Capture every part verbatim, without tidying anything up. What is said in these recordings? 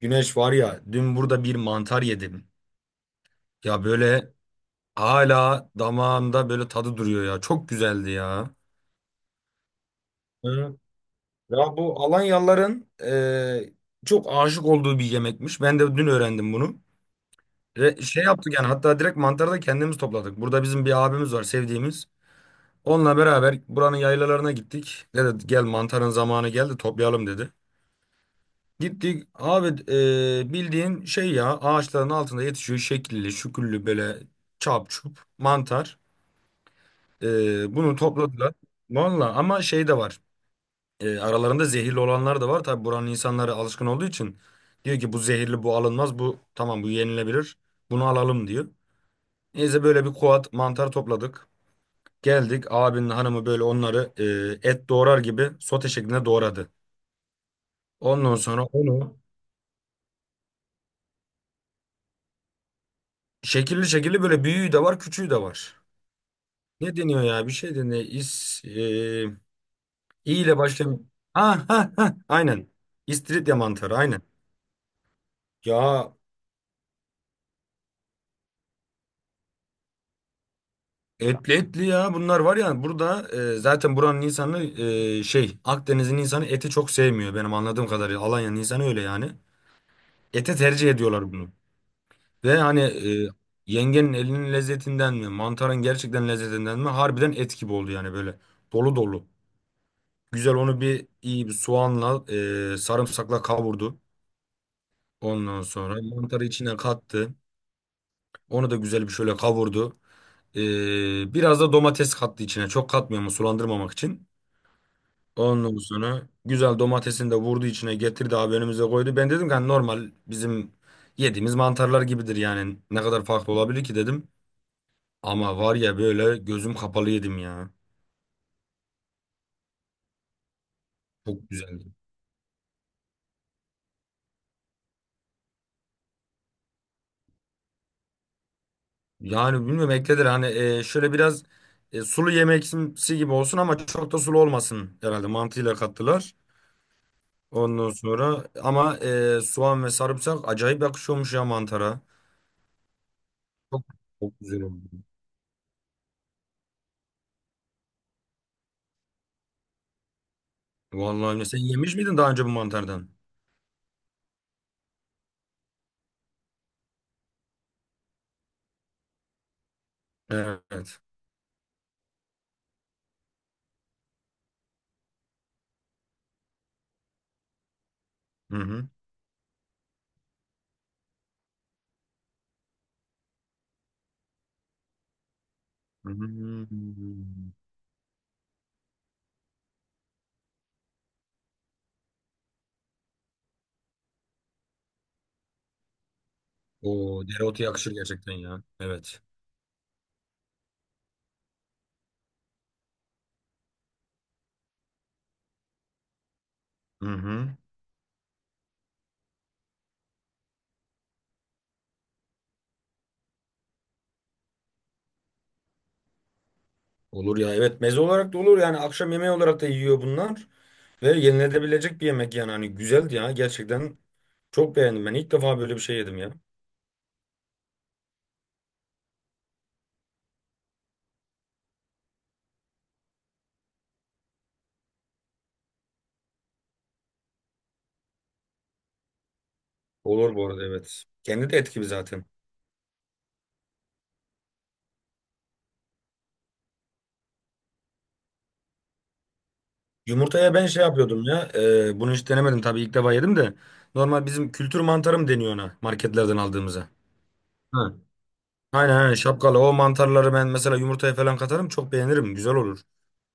Güneş var ya dün burada bir mantar yedim. Ya böyle hala damağımda böyle tadı duruyor ya. Çok güzeldi ya. Hı. Ya bu Alanyalıların e, çok aşık olduğu bir yemekmiş. Ben de dün öğrendim bunu. Ve şey yaptık yani hatta direkt mantarı da kendimiz topladık. Burada bizim bir abimiz var sevdiğimiz. Onunla beraber buranın yaylalarına gittik. Dedi gel mantarın zamanı geldi toplayalım dedi. Gittik abi e, bildiğin şey ya ağaçların altında yetişiyor şekilli şüküllü böyle çap çup mantar. E, bunu topladılar. Valla ama şey de var. E, aralarında zehirli olanlar da var. Tabi buranın insanları alışkın olduğu için diyor ki bu zehirli bu alınmaz bu tamam bu yenilebilir bunu alalım diyor. Neyse böyle bir kuat mantar topladık. Geldik abinin hanımı böyle onları e, et doğrar gibi sote şeklinde doğradı. Ondan sonra onu şekilli şekilli böyle büyüğü de var küçüğü de var. Ne deniyor ya? Bir şey deniyor. İs, e, i ile başlayan. Ha ha ha. Aynen. İstiridye mantarı. Aynen. Ya etli etli ya. Bunlar var ya burada e, zaten buranın insanı e, şey Akdeniz'in insanı eti çok sevmiyor benim anladığım kadarıyla. Alanya'nın insanı öyle yani. Ete tercih ediyorlar bunu. Ve hani e, yengenin elinin lezzetinden mi mantarın gerçekten lezzetinden mi harbiden et gibi oldu yani böyle. Dolu dolu. Güzel onu bir iyi bir soğanla e, sarımsakla kavurdu. Ondan sonra mantarı içine kattı. Onu da güzel bir şöyle kavurdu. Ee, biraz da domates kattı içine. Çok katmıyor ama sulandırmamak için. Ondan sonra güzel domatesini de vurdu içine getirdi abi önümüze koydu. Ben dedim ki hani normal bizim yediğimiz mantarlar gibidir yani. Ne kadar farklı olabilir ki dedim. Ama var ya böyle gözüm kapalı yedim ya. Çok güzeldi. Yani bilmiyorum ekledir hani e, şöyle biraz e, sulu yemeksi gibi olsun ama çok da sulu olmasın herhalde mantıyla kattılar. Ondan sonra ama e, soğan ve sarımsak acayip yakışıyormuş ya mantara. Çok, çok güzel oldu. Vallahi öyle. Sen yemiş miydin daha önce bu mantardan? Evet. Hı hı. Hmm. O dereotu yakışır gerçekten ya. Evet. Hı hı. Olur ya. Evet meze olarak da olur yani akşam yemeği olarak da yiyor bunlar. Ve yenilebilecek bir yemek yani hani güzeldi ya gerçekten çok beğendim ben ilk defa böyle bir şey yedim ya. Olur bu arada evet. Kendi de et gibi zaten. Yumurtaya ben şey yapıyordum ya. e, bunu hiç denemedim tabii ilk defa yedim de. Normal bizim kültür mantarı mı deniyor ona marketlerden aldığımıza? Ha. Aynen aynen şapkalı. O mantarları ben mesela yumurtaya falan katarım çok beğenirim. Güzel olur.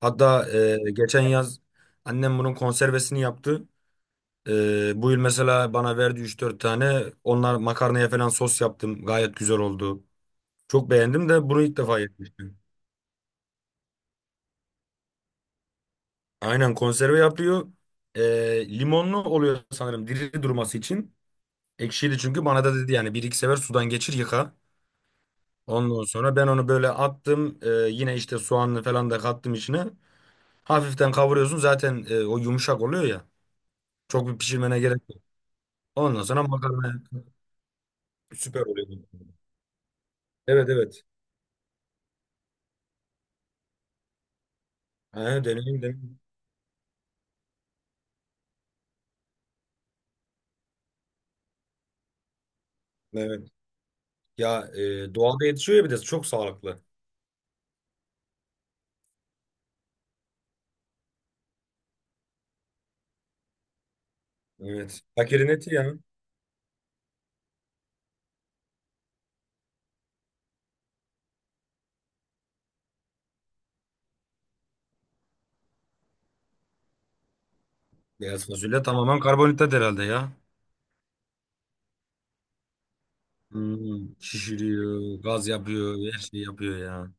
Hatta e, geçen yaz annem bunun konservesini yaptı. E, bu yıl mesela bana verdi üç dört tane. Onlar makarnaya falan sos yaptım. Gayet güzel oldu. Çok beğendim de bunu ilk defa yemiştim. Aynen konserve yapıyor. E, limonlu oluyor sanırım diri durması için. Ekşiydi çünkü bana da dedi yani bir iki sefer sudan geçir yıka. Ondan sonra ben onu böyle attım. Ee, yine işte soğanlı falan da kattım içine. Hafiften kavuruyorsun zaten e, o yumuşak oluyor ya. Çok bir pişirmene gerek yok. Ondan sonra makarna süper oluyor. Evet evet. Ha, deneyim deneyim. Evet. Ya e, doğada yetişiyor ya bir de çok sağlıklı. Evet. Fakirin eti ya. Beyaz fasulye tamamen karbonhidrat herhalde ya. Hmm, şişiriyor, gaz yapıyor, her şeyi yapıyor ya.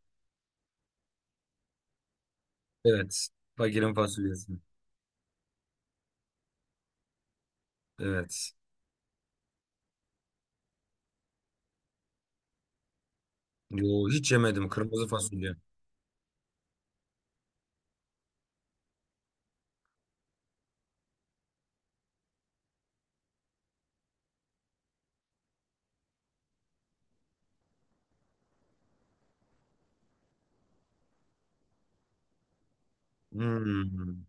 Evet. Fakirin fasulyesi. Evet. Yo, hiç yemedim kırmızı fasulye. Hmm.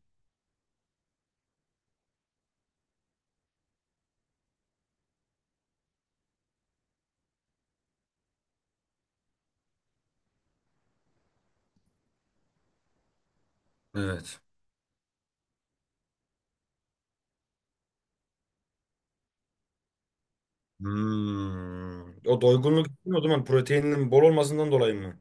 Evet. Hmm. O doygunluk değil mi? O zaman proteinin bol olmasından dolayı mı?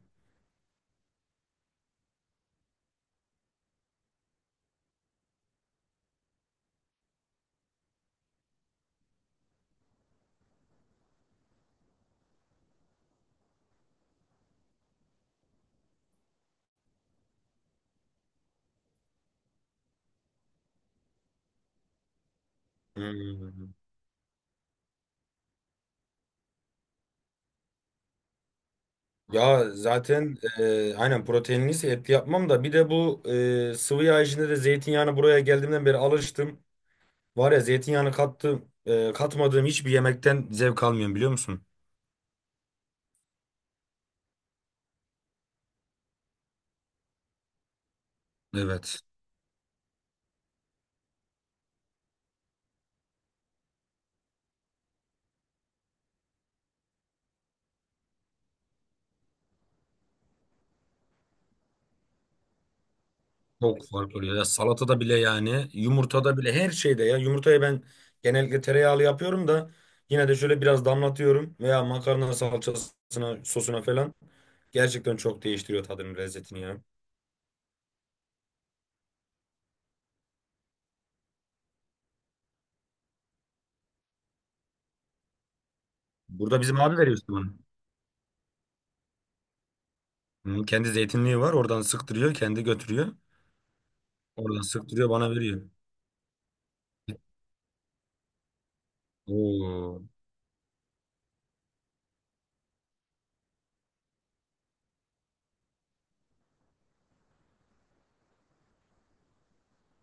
Hmm. Ya zaten e, aynen proteinliyse etli yapmam da bir de bu e, sıvı yağ içinde de zeytinyağını buraya geldiğimden beri alıştım. Var ya zeytinyağını kattım, e, katmadığım hiçbir yemekten zevk almıyorum biliyor musun? Evet. Çok fark oluyor. Ya salatada bile yani yumurtada bile her şeyde ya. Yumurtayı ben genellikle tereyağlı yapıyorum da yine de şöyle biraz damlatıyorum veya makarna salçasına sosuna falan. Gerçekten çok değiştiriyor tadını lezzetini ya. Burada bizim abi veriyor işte bunu. Hı, kendi zeytinliği var oradan sıktırıyor kendi götürüyor. Oradan sıktırıyor bana veriyor. Oo.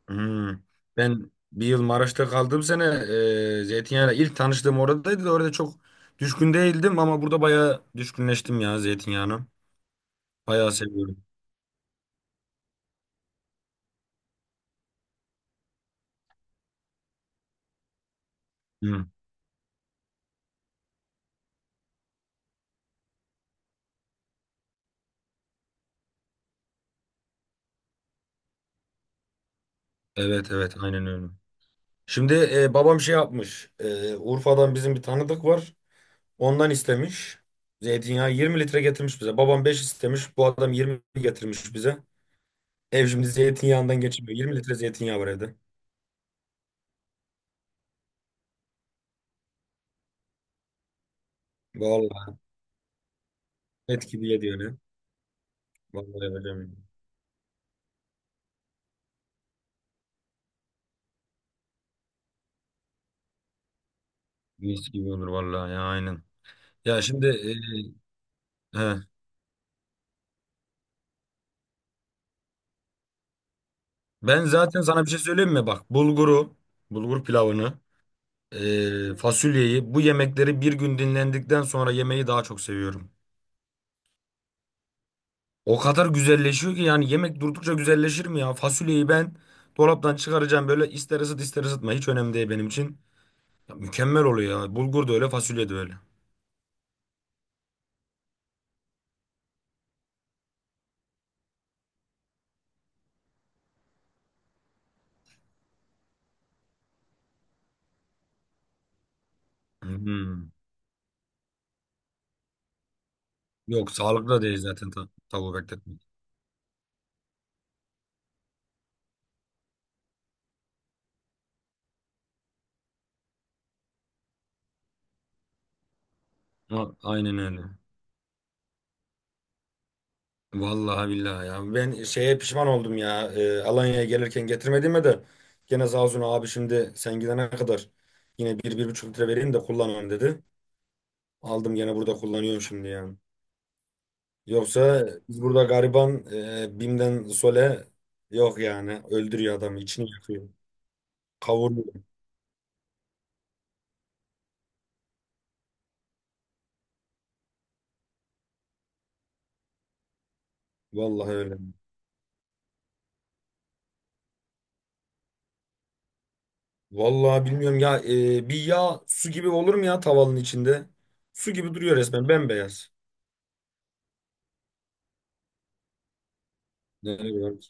Hmm. Ben bir yıl Maraş'ta kaldığım sene e, zeytinyağıyla ilk tanıştığım oradaydı da orada çok düşkün değildim ama burada bayağı düşkünleştim ya zeytinyağına. Bayağı seviyorum. Hmm. Evet evet aynen öyle. Şimdi e, babam şey yapmış. E, Urfa'dan bizim bir tanıdık var. Ondan istemiş. Zeytinyağı yirmi litre getirmiş bize. Babam beş istemiş. Bu adam yirmi getirmiş bize. Ev şimdi zeytinyağından geçmiyor. yirmi litre zeytinyağı var evde. Vallahi et gibi yedi öyle. Vallahi öyle mi? Mis gibi olur vallahi ya aynen. Ya şimdi e, he, ben zaten sana bir şey söyleyeyim mi? Bak bulguru, bulgur pilavını, e, fasulyeyi bu yemekleri bir gün dinlendikten sonra yemeyi daha çok seviyorum. O kadar güzelleşiyor ki yani yemek durdukça güzelleşir mi ya? Fasulyeyi ben dolaptan çıkaracağım böyle ister ısıt ister ısıtma hiç önemli değil benim için. Ya mükemmel oluyor ya. Bulgur da öyle fasulye de öyle. Hmm. Yok sağlıklı da değil zaten ta tavuğu bekletmek. Ha, aynen öyle. Vallahi billahi ya. Ben şeye pişman oldum ya. Ee, Alanya'ya gelirken getirmediğime de gene Zazun abi şimdi sen gidene kadar yine bir, bir buçuk litre vereyim de kullanalım dedi. Aldım gene burada kullanıyorum şimdi yani. Yoksa biz burada gariban e, Bim'den Sole yok yani. Öldürüyor adamı. İçini yakıyor. Kavuruyor. Vallahi öyle. Vallahi bilmiyorum ya. e, bir yağ su gibi olur mu ya tavanın içinde? Su gibi duruyor resmen bembeyaz. Ne bileyim.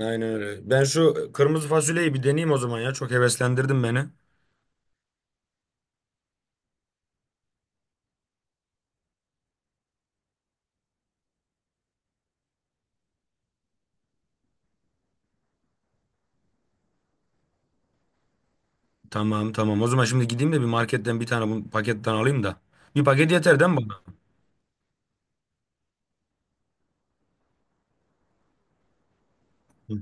Aynen öyle. Ben şu kırmızı fasulyeyi bir deneyeyim o zaman ya. Çok heveslendirdin beni. Tamam tamam. O zaman şimdi gideyim de bir marketten bir tane bu paketten alayım da. Bir paket yeter değil mi bana? Hı.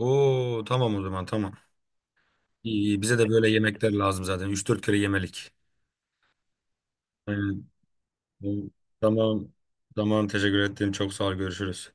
Oo tamam o zaman tamam. İyi, iyi. Bize de böyle yemekler lazım zaten. Üç dört kere yemelik. Aynen. Tamam. Tamam teşekkür ettim. Çok sağ ol. Görüşürüz.